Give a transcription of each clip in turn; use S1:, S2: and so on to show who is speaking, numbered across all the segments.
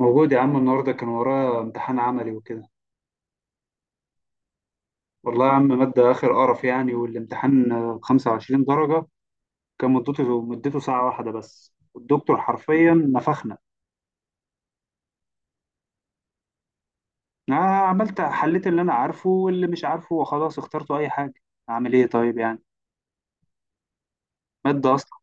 S1: موجود يا عم النهارده كان ورايا امتحان عملي وكده. والله يا عم مادة آخر قرف يعني، والامتحان 25 درجة. كان مدته ساعة واحدة بس الدكتور حرفيا نفخنا. أنا عملت حليت اللي أنا عارفه واللي مش عارفه وخلاص اخترته أي حاجة. أعمل إيه طيب يعني؟ مادة أصلا.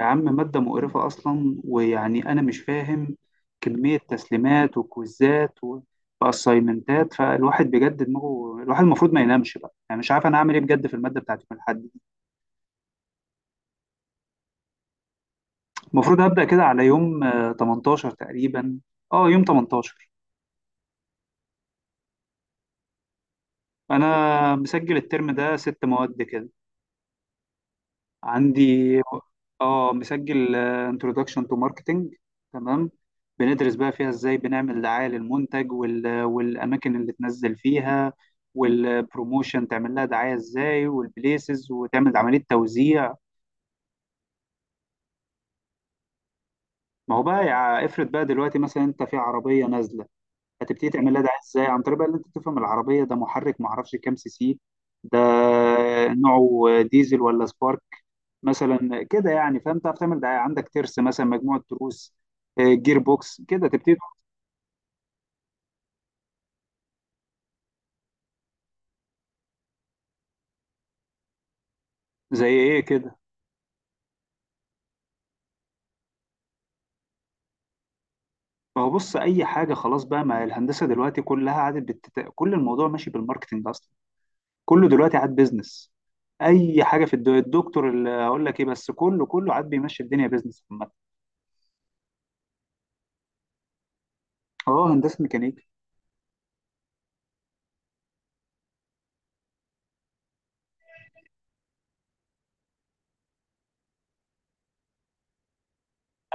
S1: يا عم مادة مقرفة أصلا ويعني أنا مش فاهم كمية تسليمات وكويزات وأسايمنتات، فالواحد بجد دماغه، الواحد المفروض ما ينامش بقى، يعني مش عارف أنا أعمل إيه بجد في المادة بتاعت يوم الأحد. المفروض هبدأ كده على يوم 18 تقريبا، اه يوم 18. انا مسجل الترم ده ست مواد كده، عندي اه مسجل introduction to marketing. تمام. بندرس بقى فيها ازاي بنعمل دعاية للمنتج والاماكن اللي تنزل فيها، والبروموشن تعمل لها دعاية ازاي، والبليسز وتعمل عملية توزيع. ما هو بقى افرض بقى دلوقتي مثلا انت في عربية نازلة، هتبتدي تعملها ده ازاي؟ عن طريق بقى ان انت تفهم العربيه ده محرك ما اعرفش كام سي سي. ده نوعه ديزل ولا سبارك. مثلا كده يعني، فاهم، تعرف تعمل ده، عندك ترس مثلا، مجموعه تروس، جير بوكس كده تبتدي. زي ايه كده؟ ما هو بص اي حاجه خلاص بقى، ما الهندسه دلوقتي كلها عادت كل الموضوع ماشي بالماركتنج اصلا. كله دلوقتي عاد بيزنس. اي حاجه في الدكتور اللي اقول لك ايه، بس كله عاد بيمشي الدنيا بيزنس عامه. اه هندسه ميكانيكا.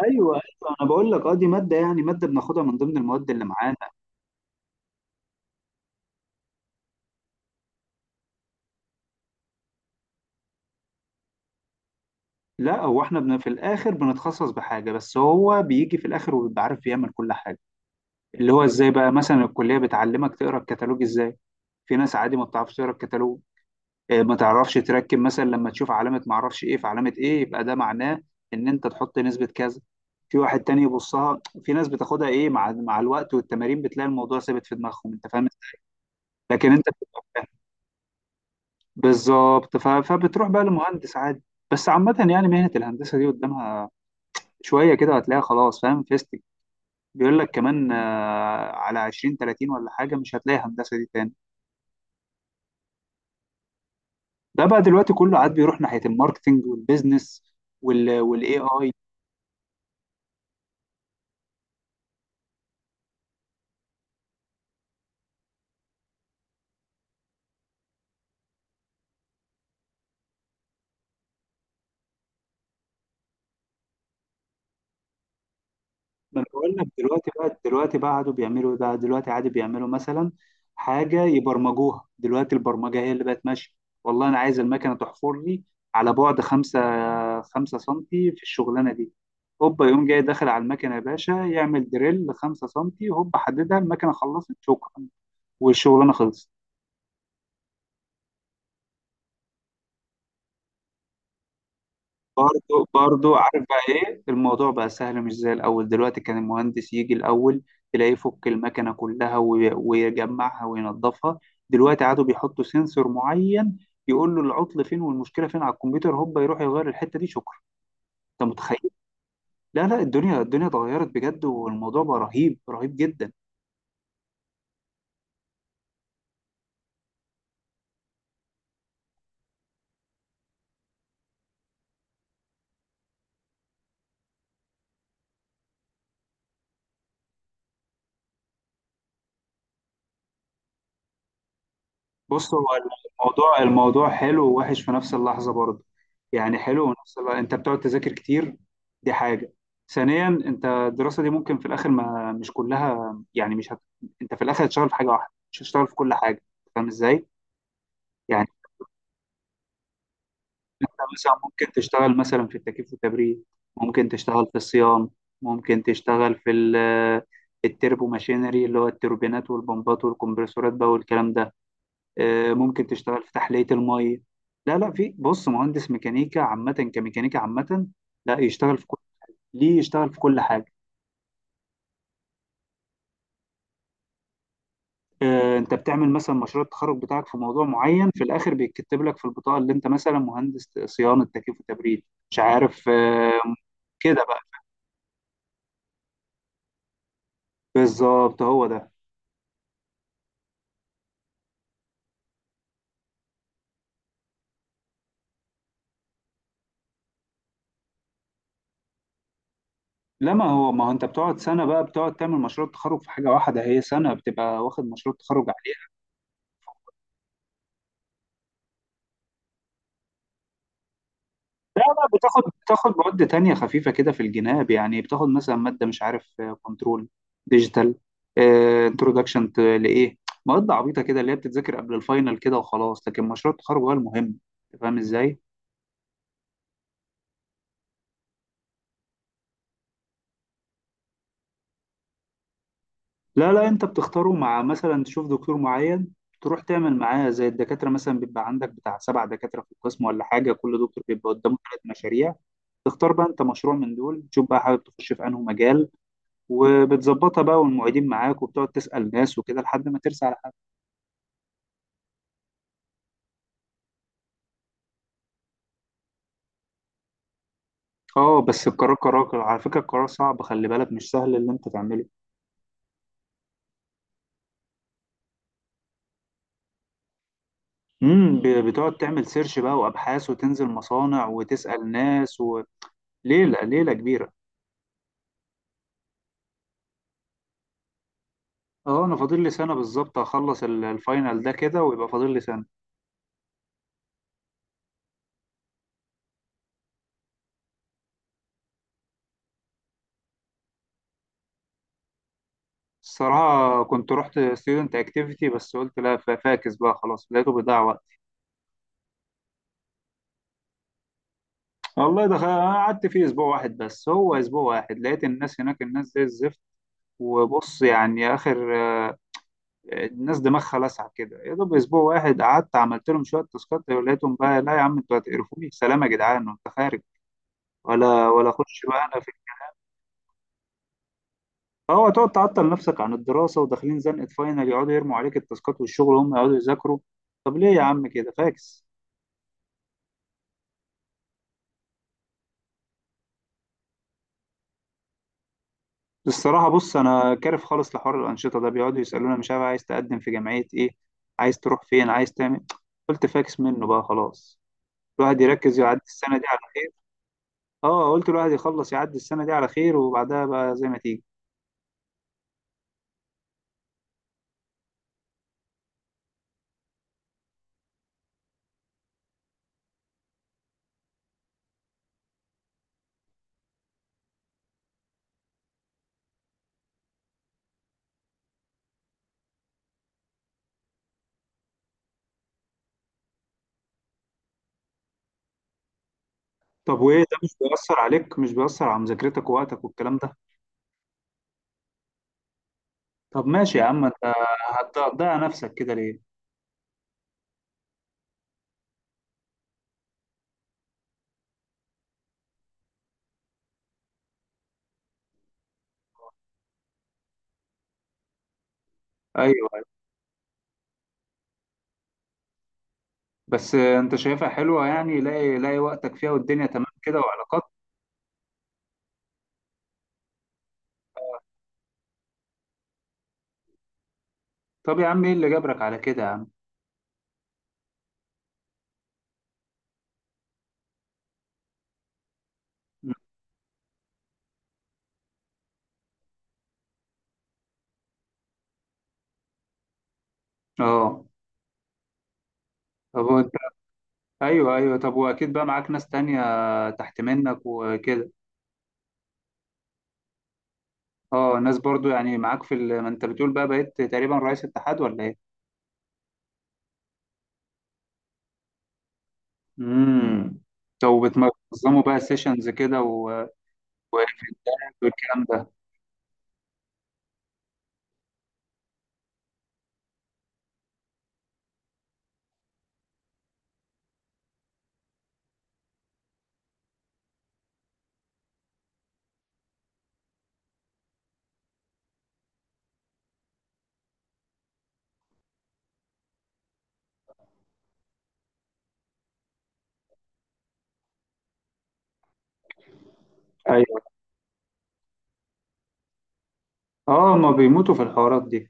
S1: ايوه ايوه، انا بقول لك اه دي ماده يعني، ماده بناخدها من ضمن المواد اللي معانا. لا، هو احنا في الاخر بنتخصص بحاجه، بس هو بيجي في الاخر وبيبقى عارف يعمل كل حاجه. اللي هو ازاي بقى مثلا الكليه بتعلمك تقرا الكتالوج ازاي. في ناس عادي ما بتعرفش تقرا الكتالوج، ما تعرفش تركب مثلا، لما تشوف علامه ما اعرفش ايه، في علامه ايه يبقى ده معناه ان انت تحط نسبه كذا. في واحد تاني يبصها. في ناس بتاخدها ايه مع الوقت والتمارين، بتلاقي الموضوع ثابت في دماغهم، انت فاهم. لكن انت بتبقى بالظبط فبتروح بقى لمهندس عادي. بس عامة يعني مهنة الهندسة دي قدامها شوية كده، هتلاقيها خلاص، فاهم فيستك بيقول لك كمان على 20 30 ولا حاجة مش هتلاقي هندسة دي تاني. ده بقى دلوقتي كله عاد بيروح ناحية الماركتينج والبيزنس وال والاي اي. ما أنا بقول لك دلوقتي بقى قعدوا بيعملوا ده، دلوقتي عادي بيعملوا مثلا حاجة يبرمجوها. دلوقتي البرمجة هي اللي بقت ماشية. والله أنا عايز المكنة تحفر لي على بعد خمسة سنتي في الشغلانة دي، هوبا يقوم جاي داخل على المكنة يا باشا يعمل دريل خمسة سنتي، هوبا حددها، المكنة خلصت، شكرا، والشغلانة خلصت. برضو عارف بقى ايه الموضوع؟ بقى سهل مش زي الاول، دلوقتي كان المهندس يجي الاول تلاقيه يفك المكنه كلها ويجمعها وينظفها. دلوقتي عادوا بيحطوا سنسور معين يقول له العطل فين والمشكله فين على الكمبيوتر، هوبا يروح يغير الحته دي، شكرا. انت متخيل؟ لا لا، الدنيا اتغيرت بجد، والموضوع بقى رهيب رهيب جدا. بص هو الموضوع حلو ووحش في نفس اللحظة برضه، يعني حلو ونفس اللحظة. انت بتقعد تذاكر كتير، دي حاجة. ثانيا، انت الدراسة دي ممكن في الاخر ما مش كلها، يعني مش هت... انت في الاخر هتشتغل في حاجة واحدة، مش هتشتغل في كل حاجة. فاهم ازاي؟ يعني انت مثلا ممكن تشتغل مثلا في التكييف والتبريد، ممكن تشتغل في الصيانة، ممكن تشتغل في التربو ماشينري اللي هو التوربينات والبمبات والكمبرسورات بقى والكلام ده، ممكن تشتغل في تحلية المية. لا لا، في بص مهندس ميكانيكا عامة كميكانيكا عامة لا يشتغل في كل، ليه يشتغل في كل حاجة. انت بتعمل مثلا مشروع التخرج بتاعك في موضوع معين، في الاخر بيتكتب لك في البطاقة اللي انت مثلا مهندس صيانة تكييف وتبريد، مش عارف كده بقى. بالظبط هو ده. لا، ما هو انت بتقعد سنة بقى، بتقعد تعمل مشروع التخرج في حاجة واحدة، هي سنة بتبقى واخد مشروع التخرج. لا لا، بتاخد مواد تانية خفيفة كده في الجناب، يعني بتاخد مثلا مادة مش عارف كنترول ديجيتال، انترودكشن لإيه، مواد عبيطة كده اللي هي بتتذاكر قبل الفاينل كده وخلاص، لكن مشروع التخرج هو المهم. أنت فاهم ازاي؟ لا لا، انت بتختاره، مع مثلا تشوف دكتور معين تروح تعمل معاه، زي الدكاترة مثلا بيبقى عندك بتاع سبع دكاترة في القسم ولا حاجة، كل دكتور بيبقى قدامه ثلاث مشاريع. تختار بقى انت مشروع من دول، تشوف بقى حابب تخش في انه مجال، وبتظبطها بقى، والمعيدين معاك، وبتقعد تسأل ناس وكده لحد ما ترسى على حد. اه بس القرار قرار على فكرة، القرار صعب، خلي بالك مش سهل اللي انت تعمله. بتقعد تعمل سيرش بقى وابحاث وتنزل مصانع وتسأل ناس، وليلة ليلة كبيرة. اه انا فاضل لي سنة بالظبط، هخلص الفاينل ده كده ويبقى فاضل لي سنة. الصراحة كنت رحت ستودنت اكتيفيتي بس قلت لا، فاكس بقى خلاص، لقيته بيضيع وقت. والله دخل أنا قعدت فيه اسبوع واحد بس، هو اسبوع واحد لقيت الناس هناك، الناس زي الزفت، وبص يعني اخر الناس دماغها لسعة كده، يا دوب اسبوع واحد قعدت عملت لهم شويه تاسكات ولقيتهم بقى لا يا عم، انتوا هتقرفوني، سلام يا جدعان، انت خارج، ولا اخش بقى انا في. هو تقعد تعطل نفسك عن الدراسه وداخلين زنقه فاينل، يقعدوا يرموا عليك التاسكات والشغل، هم يقعدوا يذاكروا. طب ليه يا عم كده؟ فاكس. الصراحه بص انا كارف خالص لحوار الانشطه ده، بيقعدوا يسالونا مش عارف عايز تقدم في جمعيه ايه، عايز تروح فين، عايز تعمل إيه؟ قلت فاكس منه بقى خلاص، الواحد يركز يعدي السنه دي على، اه قلت الواحد يخلص يعدي السنة دي على خير، وبعدها بقى زي ما تيجي. طب وايه، ده مش بيأثر عليك، مش بيأثر على مذاكرتك ووقتك والكلام ده؟ طب ماشي يا عم انت، هتضيع نفسك كده ليه؟ ايوه أيوة. بس انت شايفها حلوة يعني، لاقي لاقي وقتك فيها والدنيا تمام كده وعلاقات؟ طب يا عم ايه اللي جبرك على كده يا عم؟ اه. طب وانت؟ ايوه ايوه، طب واكيد بقى معاك ناس تانية تحت منك وكده. اه ناس برضو يعني معاك في ما انت بتقول بقى بقيت تقريبا رئيس اتحاد ولا ايه؟ امم. لو بتنظموا بقى سيشنز كده و- والكلام ده. ايوه. اه، ما بيموتوا في الحوارات دي.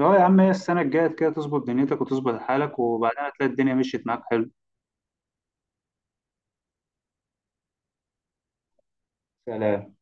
S1: اه يا عم، هي السنه الجايه كده تظبط دنيتك وتظبط حالك، وبعدها تلاقي الدنيا مشيت معاك حلو. سلام.